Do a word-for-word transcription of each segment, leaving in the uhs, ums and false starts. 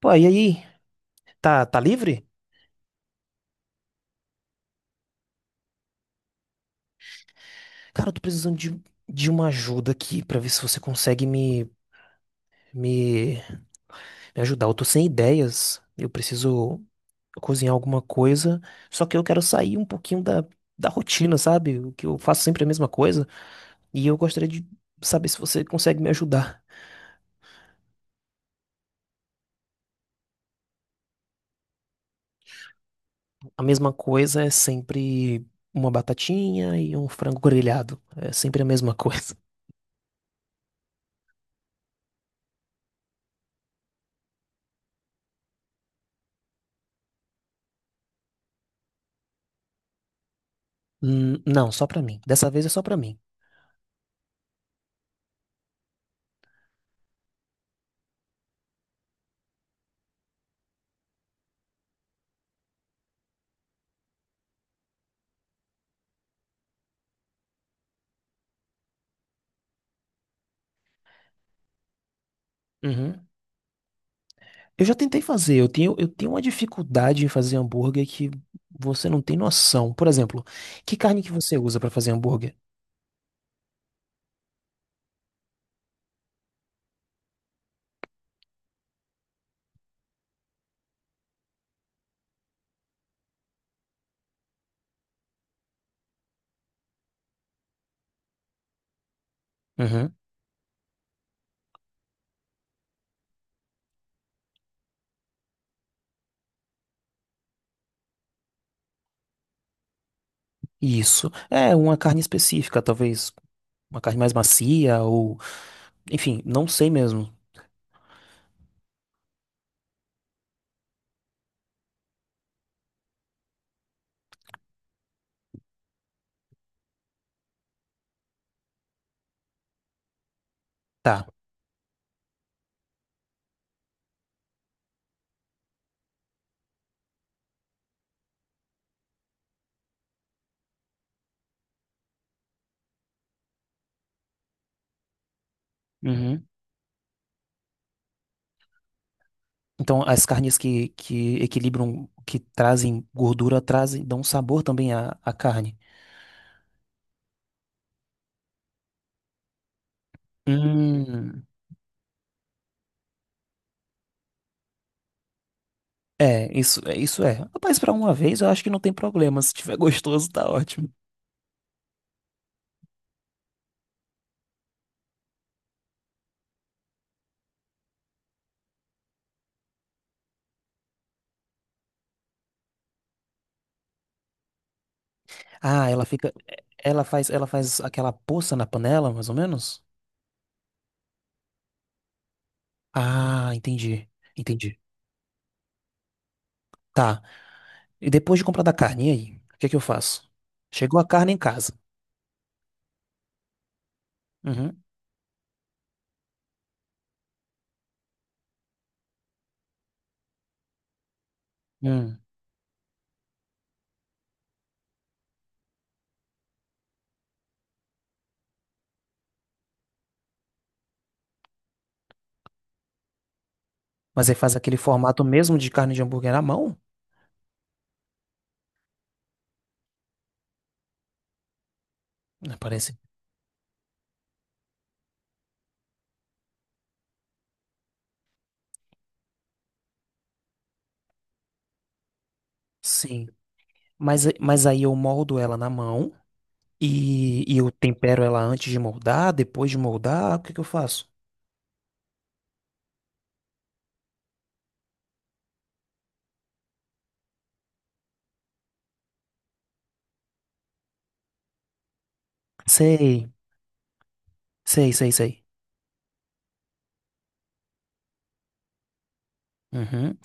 Pô, e aí? Tá, tá livre? Cara, eu tô precisando de, de uma ajuda aqui pra ver se você consegue me, me, me ajudar. Eu tô sem ideias. Eu preciso cozinhar alguma coisa. Só que eu quero sair um pouquinho da, da rotina, sabe? O que eu faço sempre é a mesma coisa. E eu gostaria de saber se você consegue me ajudar. A mesma coisa é sempre uma batatinha e um frango grelhado. É sempre a mesma coisa. Hum, não, só pra mim. Dessa vez é só pra mim. Uhum. Eu já tentei fazer, eu tenho, eu tenho uma dificuldade em fazer hambúrguer que você não tem noção. Por exemplo, que carne que você usa pra fazer hambúrguer? Uhum. Isso. É uma carne específica, talvez uma carne mais macia ou, enfim, não sei mesmo. Tá. Uhum. Então, as carnes que, que equilibram, que trazem gordura, trazem, dão sabor também à, à carne. Hum. É, isso, é, isso é. Rapaz, pra uma vez eu acho que não tem problema. Se tiver gostoso, tá ótimo. Ah, ela fica. Ela faz, ela faz aquela poça na panela, mais ou menos? Ah, entendi. Entendi. Tá. E depois de comprar da carne, e aí? O que é que eu faço? Chegou a carne em casa. Uhum. Hum. Mas aí faz aquele formato mesmo de carne de hambúrguer na mão? Né? Parece. Sim. Mas, mas aí eu moldo ela na mão e, e eu tempero ela antes de moldar, depois de moldar, o que que eu faço? Sei. Sei, sei, sei. Uhum.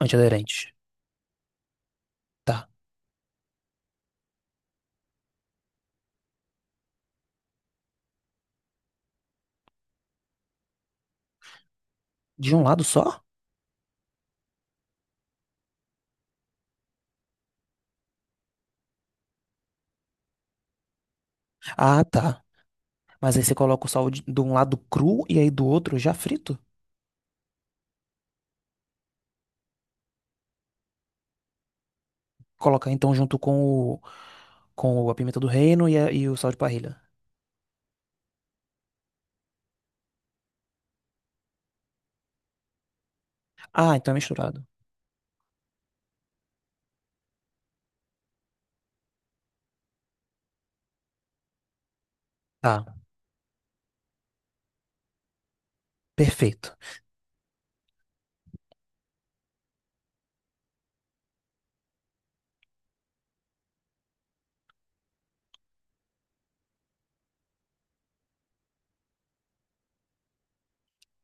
Antiaderente. Tá. De um lado só? Ah, tá. Mas aí você coloca o sal de, de um lado cru e aí do outro já frito. Coloca então junto com o, com a pimenta do reino e, a- e o sal de parrilha. Ah, então é misturado. Tá, perfeito.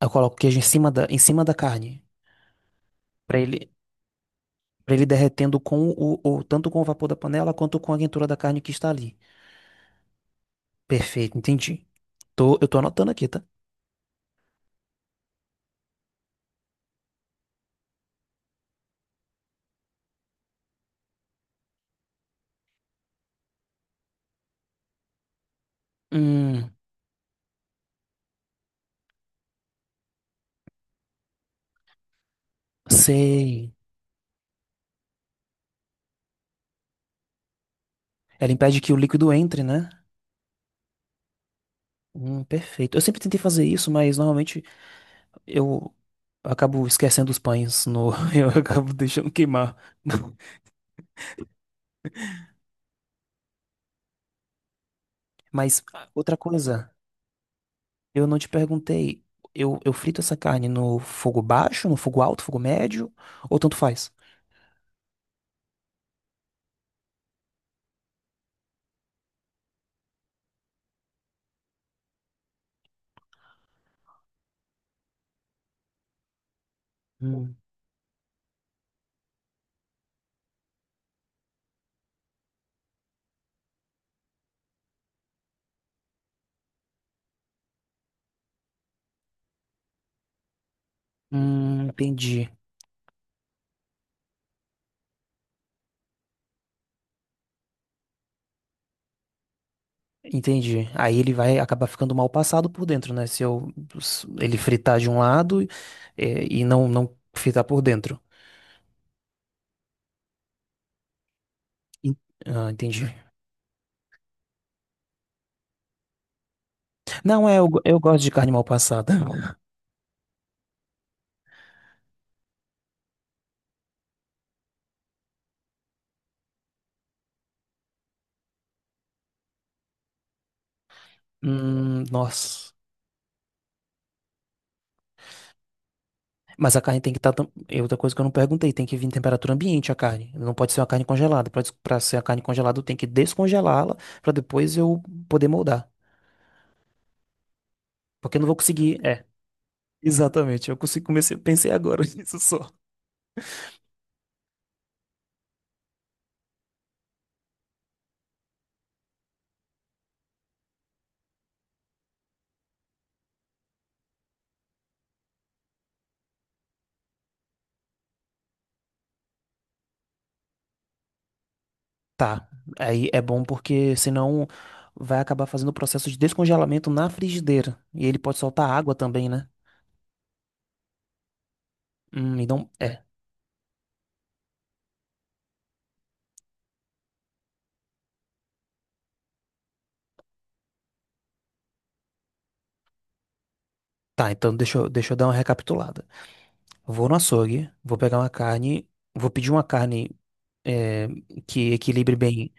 Eu coloco o queijo em cima da, em cima da carne. Pra ele, para ele derretendo com o, o- tanto com o vapor da panela quanto com a quentura da carne que está ali. Perfeito, entendi. Tô, eu tô anotando aqui, tá? Hum, sei. Ela impede que o líquido entre, né? Hum, perfeito. Eu sempre tentei fazer isso, mas normalmente eu acabo esquecendo os pães no, eu acabo deixando queimar. Mas ah, outra coisa, eu não te perguntei, eu, eu frito essa carne no fogo baixo, no fogo alto, fogo médio, ou tanto faz? Hum. Hum, entendi. Entendi. Aí ele vai acabar ficando mal passado por dentro, né? Se eu se ele fritar de um lado, é, e não não fritar por dentro. En- Ah, entendi. Não, é, eu, eu gosto de carne mal passada. Hum, nossa. Mas a carne tem que estar. É outra coisa que eu não perguntei, tem que vir em temperatura ambiente a carne. Não pode ser uma carne congelada. Pra, des- pra ser a carne congelada, eu tenho que descongelá-la pra depois eu poder moldar. Porque eu não vou conseguir. É. Exatamente. Eu consigo comecei, pensei agora nisso só. Tá. Aí é bom porque senão vai acabar fazendo o processo de descongelamento na frigideira. E ele pode soltar água também, né? Hum, então. É. Tá, então deixa eu, deixa eu dar uma recapitulada. Vou no açougue, vou pegar uma carne, vou pedir uma carne é, que equilibre bem.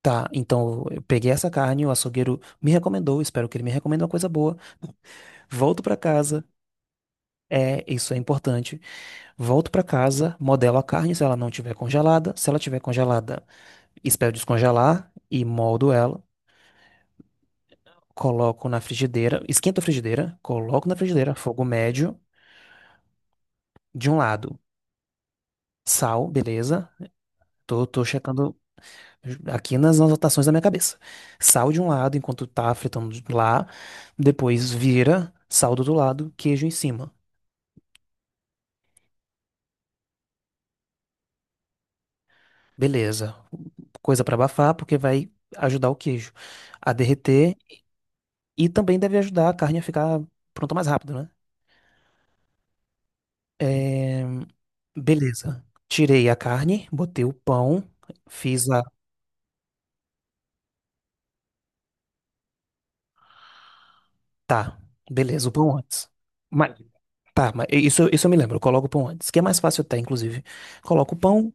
Tá, então eu peguei essa carne, o açougueiro me recomendou, espero que ele me recomende uma coisa boa. Volto pra casa, é, isso é importante. Volto pra casa, modelo a carne se ela não tiver congelada. Se ela tiver congelada, espero descongelar e moldo ela. Coloco na frigideira, esquento a frigideira, coloco na frigideira, fogo médio, de um lado, sal, beleza? Tô, tô checando aqui nas anotações da minha cabeça. Sal de um lado enquanto tá fritando lá, depois vira, sal do outro lado, queijo em cima. Beleza. Coisa pra abafar, porque vai ajudar o queijo a derreter e também deve ajudar a carne a ficar pronta mais rápido, né? É, beleza. Tirei a carne, botei o pão, fiz a. Tá, beleza, o pão antes. Mas, tá, mas isso, isso eu me lembro, eu coloco o pão antes, que é mais fácil até, inclusive. Coloco o pão,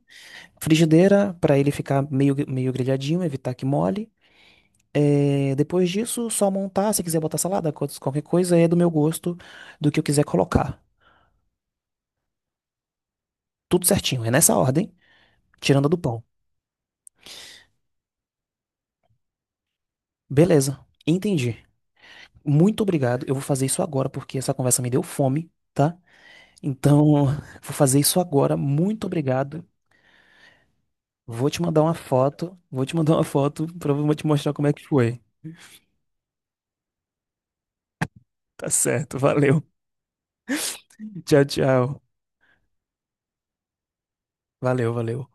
frigideira, para ele ficar meio, meio grelhadinho, evitar que mole. É, depois disso, só montar. Se quiser botar salada, co- qualquer coisa, é do meu gosto, do que eu quiser colocar. Tudo certinho, é nessa ordem, tirando a do pão. Beleza, entendi. Muito obrigado. Eu vou fazer isso agora, porque essa conversa me deu fome, tá? Então, vou fazer isso agora. Muito obrigado. Vou te mandar uma foto. Vou te mandar uma foto para te mostrar como é que foi. Tá certo, valeu. Tchau, tchau. Valeu, valeu.